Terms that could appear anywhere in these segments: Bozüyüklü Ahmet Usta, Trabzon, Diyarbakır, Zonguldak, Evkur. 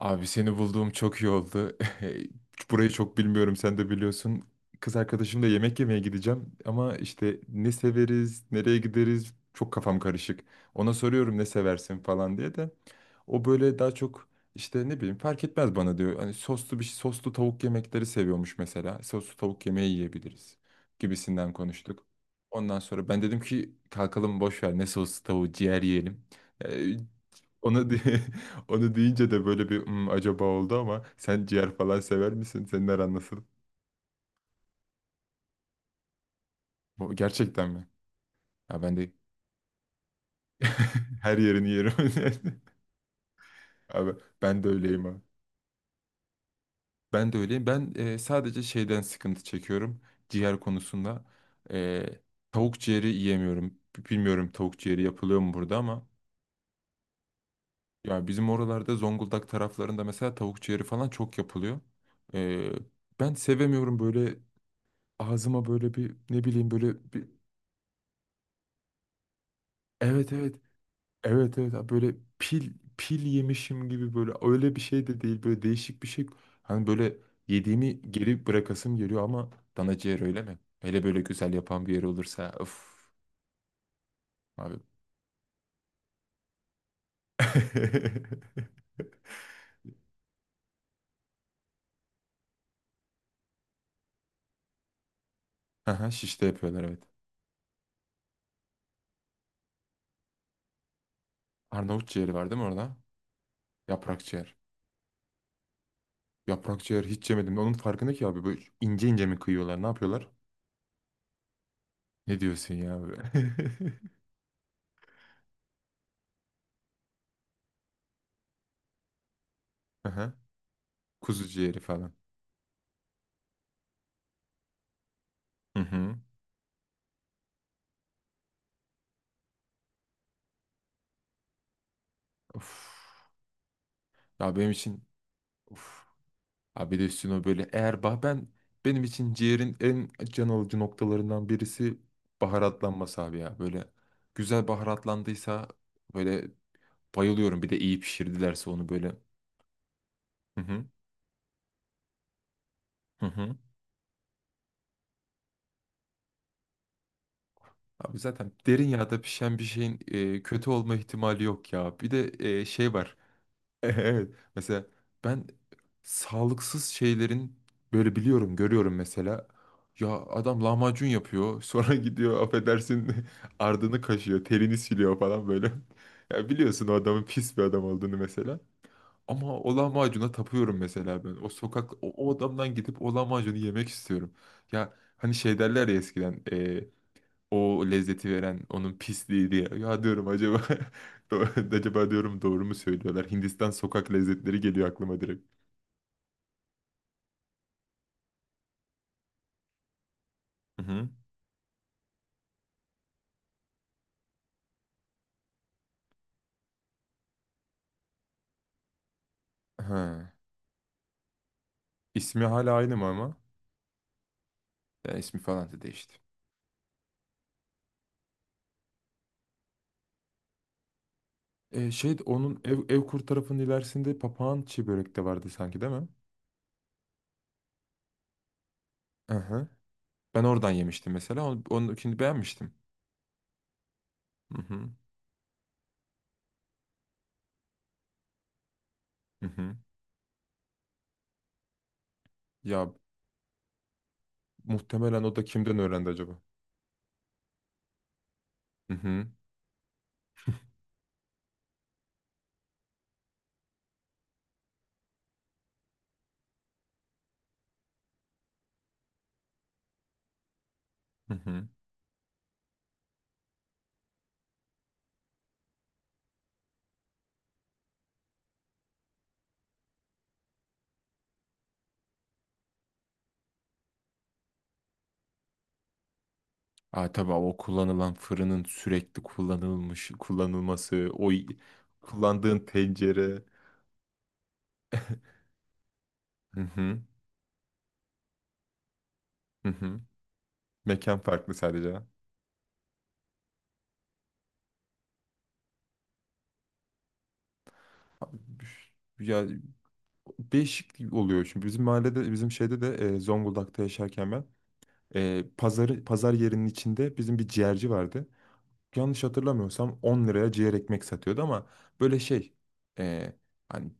Abi seni bulduğum çok iyi oldu. Burayı çok bilmiyorum, sen de biliyorsun. Kız arkadaşımla yemek yemeye gideceğim ama işte ne severiz, nereye gideriz, çok kafam karışık. Ona soruyorum ne seversin falan diye de o böyle daha çok işte ne bileyim fark etmez bana diyor. Hani soslu tavuk yemekleri seviyormuş mesela. Soslu tavuk yemeği yiyebiliriz gibisinden konuştuk. Ondan sonra ben dedim ki kalkalım, boş ver ne soslu tavuğu, ciğer yiyelim. Ee, onu di- onu deyince de böyle bir "Hmm, acaba oldu ama sen ciğer falan sever misin? Senin aran nasıl? Bu gerçekten mi? Ya ben de her yerini yerim. Abi ben de öyleyim abi. Ben de öyleyim. Ben sadece şeyden sıkıntı çekiyorum ciğer konusunda. E, tavuk ciğeri yiyemiyorum. Bilmiyorum tavuk ciğeri yapılıyor mu burada ama ya bizim oralarda, Zonguldak taraflarında mesela tavuk ciğeri falan çok yapılıyor. E, ben sevemiyorum böyle, ağzıma böyle bir, ne bileyim, böyle bir. Evet evet. Evet evet. Ha, böyle pil yemişim gibi, böyle öyle bir şey de değil. Böyle değişik bir şey. Hani böyle yediğimi geri bırakasım geliyor ama dana ciğer öyle mi? Hele böyle güzel yapan bir yer olursa, of abi. Aha, şişte yapıyorlar, evet. Arnavut ciğeri var değil mi orada? Yaprak ciğer. Yaprak ciğer hiç yemedim. Onun farkında ki abi, böyle ince ince mi kıyıyorlar? Ne yapıyorlar? Ne diyorsun ya böyle? Aha, kuzu ciğeri falan. Hı hı. Of. Ya benim için, of. Abi de üstüne o böyle eğer bah ben, benim için ciğerin en can alıcı noktalarından birisi baharatlanması abi ya. Böyle güzel baharatlandıysa böyle bayılıyorum. Bir de iyi pişirdilerse onu böyle. Hı hı. Hı hı. Abi zaten derin yağda pişen bir şeyin kötü olma ihtimali yok ya. Bir de şey var. Evet. Mesela ben sağlıksız şeylerin böyle biliyorum, görüyorum mesela. Ya adam lahmacun yapıyor, sonra gidiyor, affedersin, ardını kaşıyor, terini siliyor falan böyle. Ya biliyorsun o adamın pis bir adam olduğunu mesela. Ama o lahmacuna tapıyorum mesela ben. O sokak, o, o adamdan gidip o lahmacunu yemek istiyorum. Ya hani şey derler ya eskiden o lezzeti veren onun pisliği diye. Ya diyorum acaba, acaba diyorum doğru mu söylüyorlar? Hindistan sokak lezzetleri geliyor aklıma direkt. Hı hı. Ha. İsmi hala aynı mı ama? Ya ismi falan da değişti. Şey, onun ev, Evkur tarafının ilerisinde papağan çiğ börek de vardı sanki değil mi? Hı hı. Ben oradan yemiştim mesela. Onu, onunkini beğenmiştim. Hı hı. Hı hı. Ya muhtemelen o da kimden öğrendi acaba? Hı hı. Hı hı. Aa, tabii o kullanılan fırının sürekli kullanılmış kullanılması, kullandığın tencere. Hı hı, hı hı. Mekan farklı sadece. Abi, ya değişik oluyor şimdi. Bizim mahallede, bizim şeyde de Zonguldak'ta yaşarken ben, pazarı, pazar yerinin içinde bizim bir ciğerci vardı. Yanlış hatırlamıyorsam 10 liraya ciğer ekmek satıyordu ama böyle şey, e, hani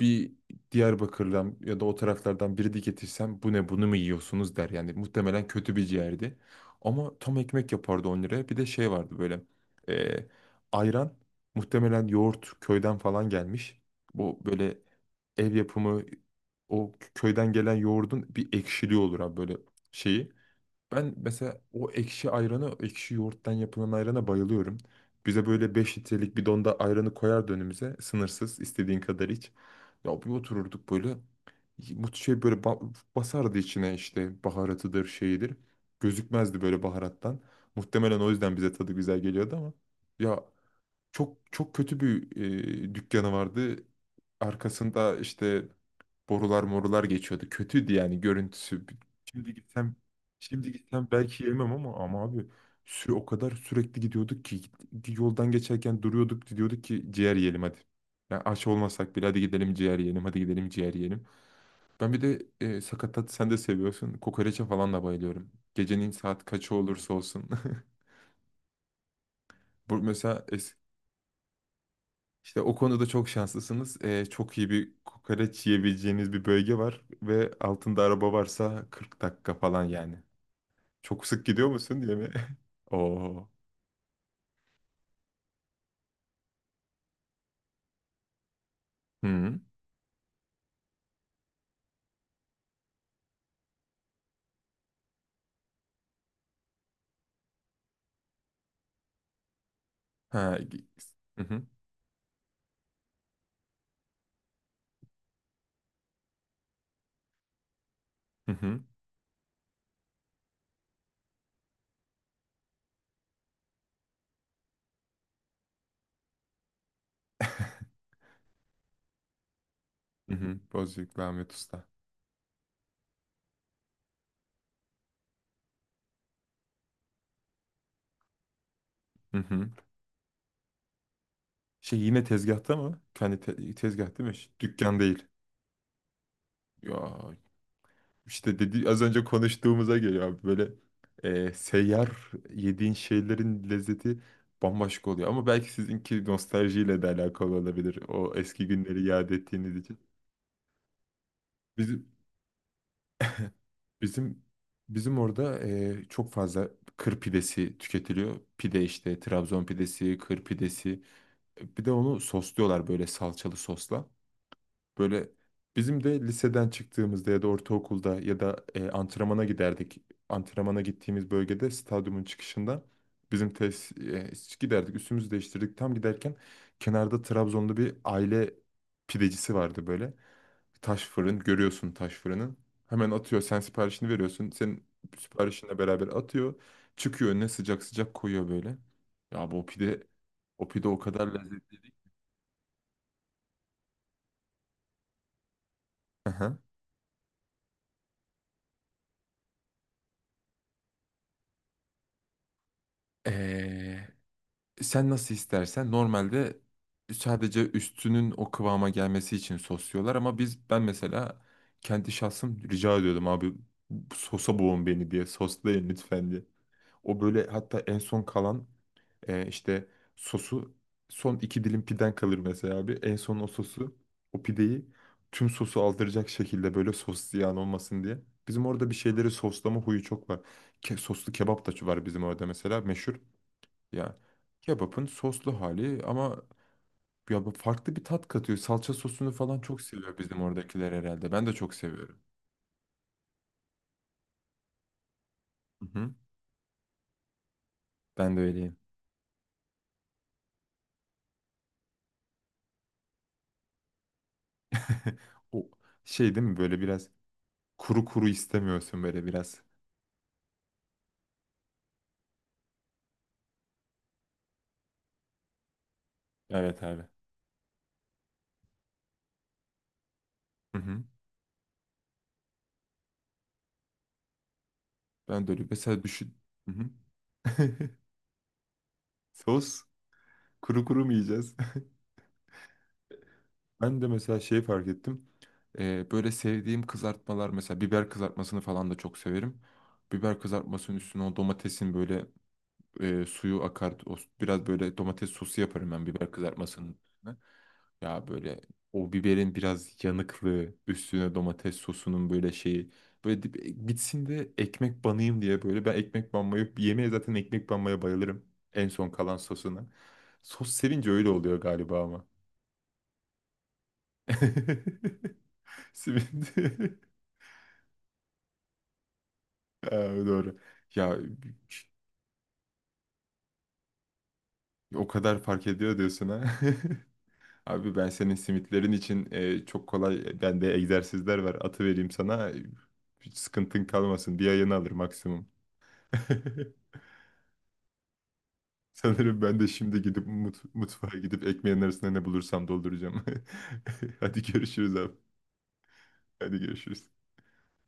bir Diyarbakır'dan ya da o taraflardan biri de getirsem bu ne, bunu mu yiyorsunuz der. Yani muhtemelen kötü bir ciğerdi. Ama tam ekmek yapardı 10 liraya. Bir de şey vardı böyle e, ayran, muhtemelen yoğurt köyden falan gelmiş. Bu böyle ev yapımı, o köyden gelen yoğurdun bir ekşiliği olur abi, böyle şeyi. Ben mesela o ekşi ayranı, o ekşi yoğurttan yapılan ayrana bayılıyorum. Bize böyle 5 litrelik bidonda ayranı koyardı önümüze. Sınırsız, istediğin kadar iç. Ya bir otururduk böyle. Bu şey böyle basardı içine işte, baharatıdır, şeyidir. Gözükmezdi böyle baharattan. Muhtemelen o yüzden bize tadı güzel geliyordu ama. Çok çok kötü bir dükkanı vardı. Arkasında işte borular morular geçiyordu. Kötüydü yani görüntüsü. Şimdi gitsem şimdi gitsem belki yemem ama, ama abi, sü o kadar sürekli gidiyorduk ki yoldan geçerken duruyorduk, diyorduk ki ciğer yiyelim hadi. Yani aç olmasak bile hadi gidelim ciğer yiyelim, hadi gidelim ciğer yiyelim. Ben bir de sakatat, sen de seviyorsun. Kokoreçe falan da bayılıyorum. Gecenin saat kaçı olursa olsun. Bu mesela. İşte o konuda çok şanslısınız. Çok iyi bir kokoreç yiyebileceğiniz bir bölge var ve altında araba varsa 40 dakika falan yani. Çok sık gidiyor musun diye mi? Oo. Hı. Ha. gi- Hı hı. Hı hı. Hı hı. Bozüyüklü Ahmet Usta. Hı hı. Şey, yine tezgahta mı? Kendi tezgah değil mi? Dükkan değil. Ya İşte dedi, az önce konuştuğumuza geliyor abi, böyle seyyar yediğin şeylerin lezzeti bambaşka oluyor. Ama belki sizinki nostaljiyle de alakalı olabilir, o eski günleri yad ettiğiniz için. Bizim bizim bizim orada çok fazla kır pidesi tüketiliyor. Pide işte, Trabzon pidesi, kır pidesi. Bir de onu sosluyorlar böyle salçalı sosla. Böyle bizim de liseden çıktığımızda ya da ortaokulda ya da antrenmana giderdik. Antrenmana gittiğimiz bölgede stadyumun çıkışında bizim tesis, giderdik. Üstümüzü değiştirdik. Tam giderken kenarda Trabzonlu bir aile pidecisi vardı böyle. Taş fırın görüyorsun, taş fırını. Hemen atıyor. Sen siparişini veriyorsun. Senin siparişinle beraber atıyor. Çıkıyor önüne sıcak sıcak koyuyor böyle. Ya bu pide, o pide o kadar lezzetli. Aha. Ee, sen nasıl istersen normalde sadece üstünün o kıvama gelmesi için sosluyorlar ama biz, ben mesela kendi şahsım rica ediyordum abi, sosa boğun beni diye, soslayın lütfen diye. O böyle, hatta en son kalan işte sosu, son iki dilim piden kalır mesela abi, en son o sosu, o pideyi tüm sosu aldıracak şekilde, böyle sos ziyan olmasın diye. Bizim orada bir şeyleri soslama huyu çok var. Soslu kebap da var bizim orada mesela, meşhur. Yani kebapın soslu hali ama ya bu farklı bir tat katıyor. Salça sosunu falan çok seviyor bizim oradakiler herhalde. Ben de çok seviyorum. Hı hı. Ben de öyleyim. O şey değil mi böyle, biraz kuru kuru istemiyorsun böyle biraz. Evet abi. Hı hı. Ben de öyle, mesela düşün. Hı hı. Sos, kuru kuru mu yiyeceğiz? Ben de mesela şeyi fark ettim. Böyle sevdiğim kızartmalar, mesela biber kızartmasını falan da çok severim. Biber kızartmasının üstüne o domatesin böyle suyu akar. O, biraz böyle domates sosu yaparım ben, biber kızartmasının üstüne. Ya böyle o biberin biraz yanıklığı, üstüne domates sosunun böyle şeyi. Böyle bitsin de ekmek banayım diye böyle. Ben ekmek banmayı, yemeğe zaten ekmek banmaya bayılırım. En son kalan sosuna. Sos sevince öyle oluyor galiba ama. Simit. Ha, doğru. Ya o kadar fark ediyor diyorsun ha. Abi ben senin simitlerin için çok kolay bende egzersizler var. Atı vereyim sana. Hiç sıkıntın kalmasın. Bir ayını alır maksimum. Sanırım ben de şimdi gidip mutfağa gidip ekmeğin arasında ne bulursam dolduracağım. Hadi görüşürüz abi. Hadi görüşürüz.